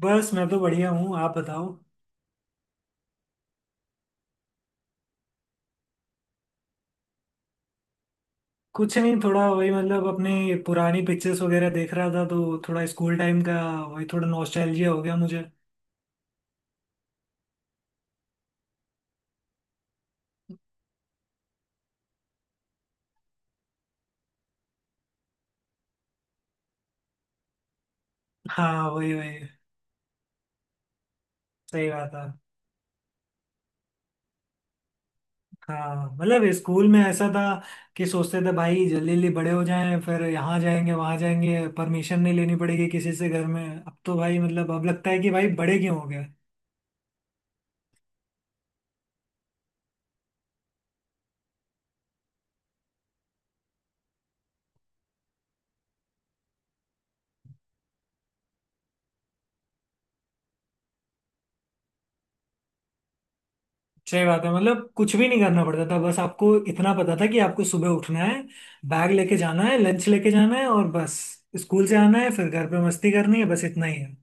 बस मैं तो बढ़िया हूँ। आप बताओ। कुछ नहीं, थोड़ा वही मतलब अपने पुरानी पिक्चर्स वगैरह देख रहा था तो थोड़ा स्कूल टाइम का वही थोड़ा नॉस्टैल्जिया हो गया मुझे। हाँ, वही वही। सही बात है। हाँ मतलब स्कूल में ऐसा था कि सोचते थे भाई जल्दी जल्दी बड़े हो जाएं, फिर यहाँ जाएंगे, वहाँ जाएंगे, परमिशन नहीं लेनी पड़ेगी किसी से घर में। अब तो भाई मतलब अब लगता है कि भाई बड़े क्यों हो गए। सही बात है। मतलब कुछ भी नहीं करना पड़ता था, बस आपको इतना पता था कि आपको सुबह उठना है, बैग लेके जाना है, लंच लेके जाना है और बस। स्कूल से आना है फिर घर पे मस्ती करनी है, बस इतना ही है।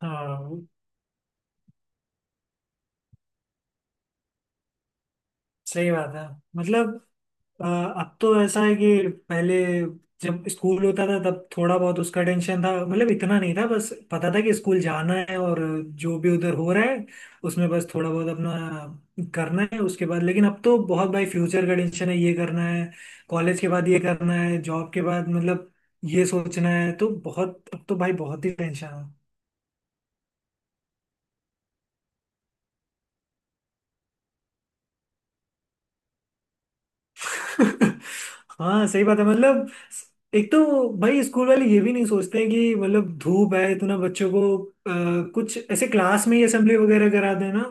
हाँ सही बात है। मतलब अब तो ऐसा है कि पहले जब स्कूल होता था तब थोड़ा बहुत उसका टेंशन था, मतलब इतना नहीं था, बस पता था कि स्कूल जाना है और जो भी उधर हो रहा है उसमें बस थोड़ा बहुत अपना करना है उसके बाद। लेकिन अब तो बहुत भाई फ्यूचर का टेंशन है, ये करना है, कॉलेज के बाद ये करना है, जॉब के बाद मतलब ये सोचना है, तो बहुत अब तो भाई बहुत ही टेंशन है। हाँ सही बात है। मतलब एक तो भाई स्कूल वाले ये भी नहीं सोचते हैं कि मतलब धूप है इतना बच्चों को। कुछ ऐसे क्लास में ही असेंबली वगैरह करा देना।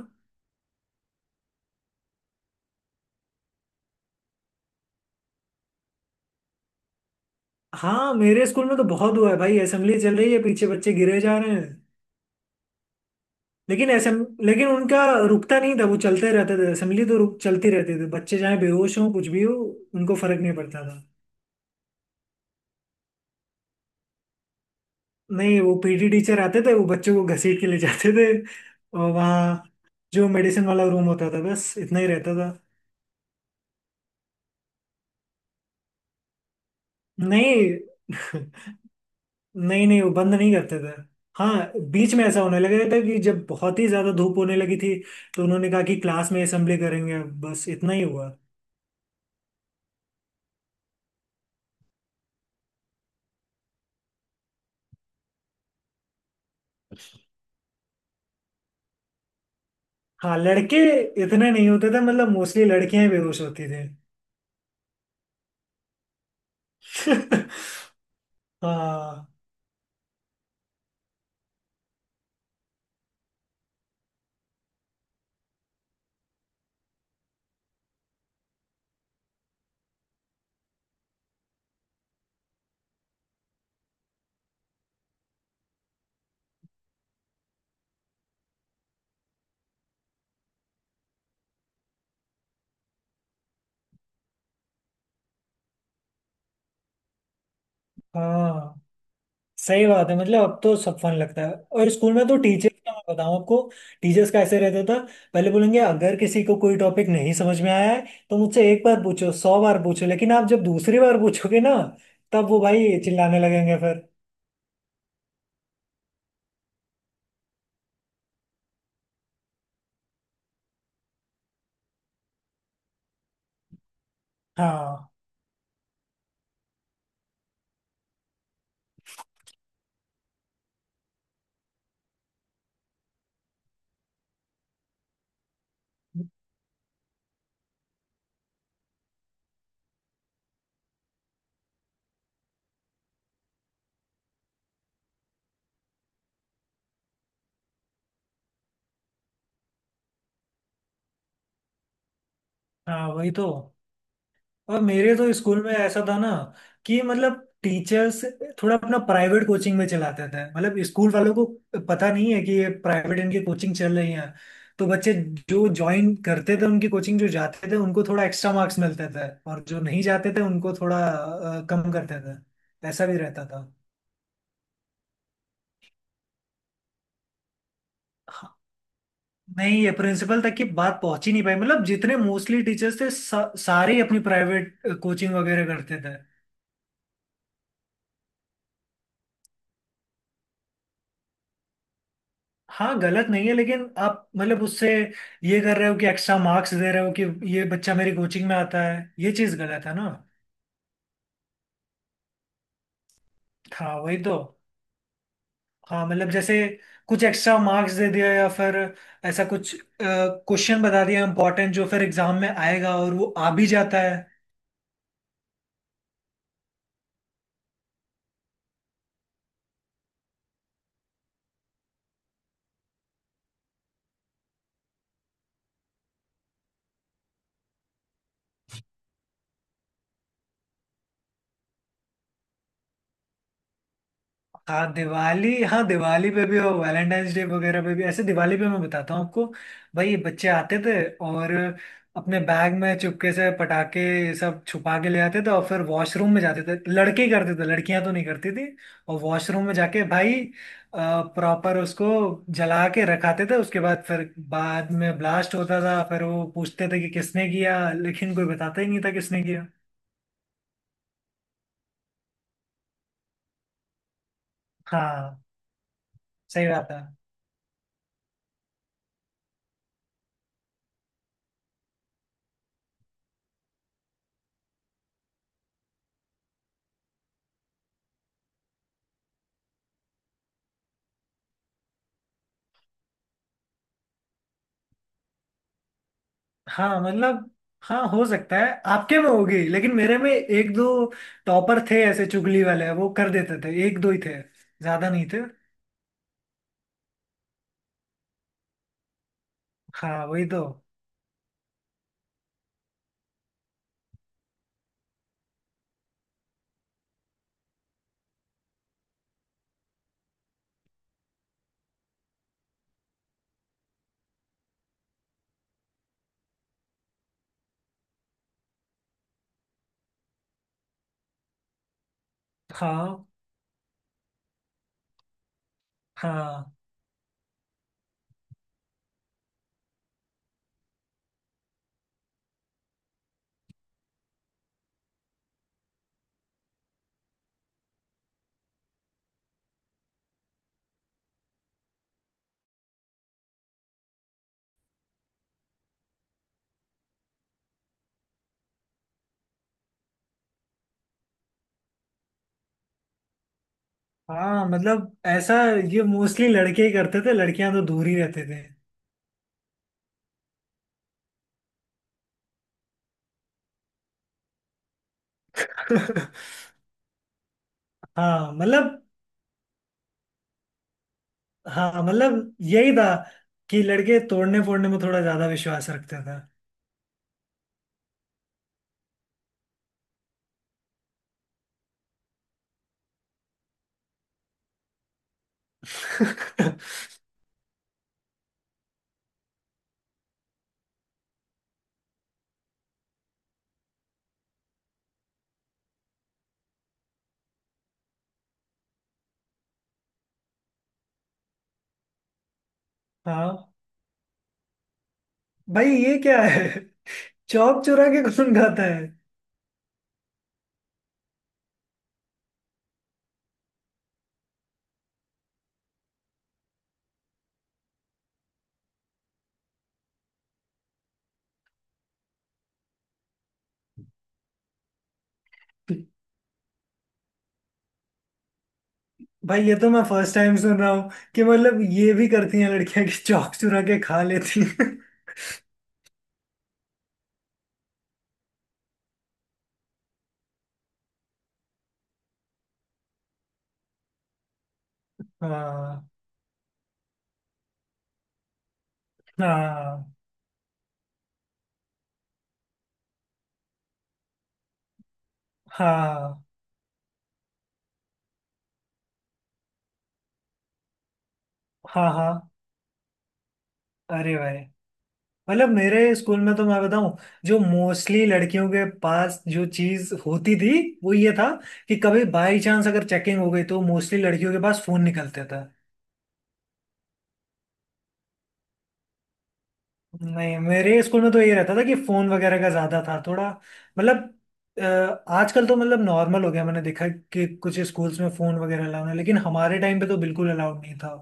हाँ मेरे स्कूल में तो बहुत हुआ है भाई, असेंबली चल रही है, पीछे बच्चे गिरे जा रहे हैं। लेकिन उनका रुकता नहीं था, वो चलते रहते थे। असेंबली तो रुक चलती रहती थी, बच्चे चाहे बेहोश हों कुछ भी हो, उनको फर्क नहीं पड़ता था। नहीं, वो पीटी टीचर आते थे, वो बच्चों को घसीट के ले जाते थे और वहाँ जो मेडिसिन वाला रूम होता था, बस इतना ही रहता था। नहीं नहीं नहीं, वो बंद नहीं करते थे। हाँ बीच में ऐसा होने लगा था कि जब बहुत ही ज्यादा धूप होने लगी थी तो उन्होंने कहा कि क्लास में असेंबली करेंगे, अब बस इतना ही हुआ। हाँ लड़के इतने नहीं होते थे, मतलब मोस्टली लड़कियां ही बेहोश होती थी। हाँ। हाँ सही बात है, मतलब अब तो सब फन लगता है। और स्कूल में तो टीचर्स का मैं बताऊं आपको, टीचर्स का ऐसे रहता था, पहले बोलेंगे अगर किसी को कोई टॉपिक नहीं समझ में आया है तो मुझसे एक बार पूछो, सौ बार पूछो, लेकिन आप जब दूसरी बार पूछोगे ना तब वो भाई चिल्लाने लगेंगे फिर। हाँ, हाँ वही तो। और मेरे तो स्कूल में ऐसा था ना कि मतलब टीचर्स थोड़ा अपना प्राइवेट कोचिंग में चलाते थे, मतलब स्कूल वालों को पता नहीं है कि ये प्राइवेट इनकी कोचिंग चल रही है। तो बच्चे जो ज्वाइन करते थे उनकी कोचिंग, जो जाते थे उनको थोड़ा एक्स्ट्रा मार्क्स मिलते थे और जो नहीं जाते थे उनको थोड़ा कम करते थे। ऐसा भी रहता था। हाँ, नहीं ये प्रिंसिपल तक की बात पहुंच ही नहीं पाई। मतलब जितने मोस्टली टीचर्स थे सारे ही अपनी प्राइवेट कोचिंग वगैरह करते थे। हाँ गलत नहीं है, लेकिन आप मतलब उससे ये कर रहे हो कि एक्स्ट्रा मार्क्स दे रहे हो, कि ये बच्चा मेरी कोचिंग में आता है, ये चीज गलत है ना। हाँ वही तो। हाँ मतलब जैसे कुछ एक्स्ट्रा मार्क्स दे दिया, या फिर ऐसा कुछ क्वेश्चन बता दिया इम्पोर्टेंट जो फिर एग्जाम में आएगा और वो आ भी जाता है। हाँ दिवाली, हाँ दिवाली पे भी हो, वैलेंटाइंस डे वगैरह पे भी। ऐसे दिवाली पे मैं बताता हूँ आपको, भाई ये बच्चे आते थे और अपने बैग में चुपके से पटाखे ये सब छुपा के ले आते थे और फिर वॉशरूम में जाते थे। लड़के ही करते थे, लड़कियां तो नहीं करती थी। और वॉशरूम में जाके भाई प्रॉपर उसको जला के रखाते थे, उसके बाद फिर बाद में ब्लास्ट होता था। फिर वो पूछते थे कि किसने किया, लेकिन कोई बताता ही नहीं था किसने किया। हाँ सही बात है। हाँ मतलब, हाँ हो सकता है आपके में होगी, लेकिन मेरे में एक दो टॉपर थे ऐसे चुगली वाले, वो कर देते थे। एक दो ही थे, ज्यादा नहीं थे। हाँ वही तो। हाँ हाँ हाँ मतलब ऐसा, ये मोस्टली लड़के ही करते थे, लड़कियां तो दूर ही रहते थे। हाँ मतलब, हाँ मतलब यही था कि लड़के तोड़ने फोड़ने में थोड़ा ज्यादा विश्वास रखते थे। हाँ। भाई ये क्या है, चौक चुरा के कौन खाता है। भाई ये तो मैं फर्स्ट टाइम सुन रहा हूँ कि मतलब ये भी करती हैं लड़कियां कि चौक चुरा के खा लेती हैं। हाँ, हाँ, हाँ, हाँ, हाँ। अरे भाई मतलब मेरे स्कूल में तो मैं बताऊं, जो मोस्टली लड़कियों के पास जो चीज होती थी वो ये था कि कभी बाई चांस अगर चेकिंग हो गई तो मोस्टली लड़कियों के पास फोन निकलते था। नहीं मेरे स्कूल में तो ये रहता था कि फोन वगैरह का ज्यादा था थोड़ा। मतलब अ, आजकल तो मतलब नॉर्मल हो गया, मैंने देखा कि कुछ स्कूल्स में फोन वगैरह अलाउड है, लेकिन हमारे टाइम पे तो बिल्कुल अलाउड नहीं था।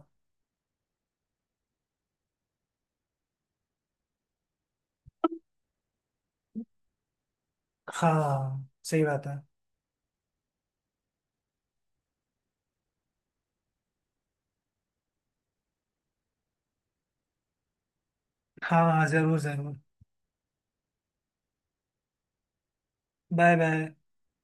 हाँ सही बात है। हाँ हाँ, जरूर जरूर। Bye bye.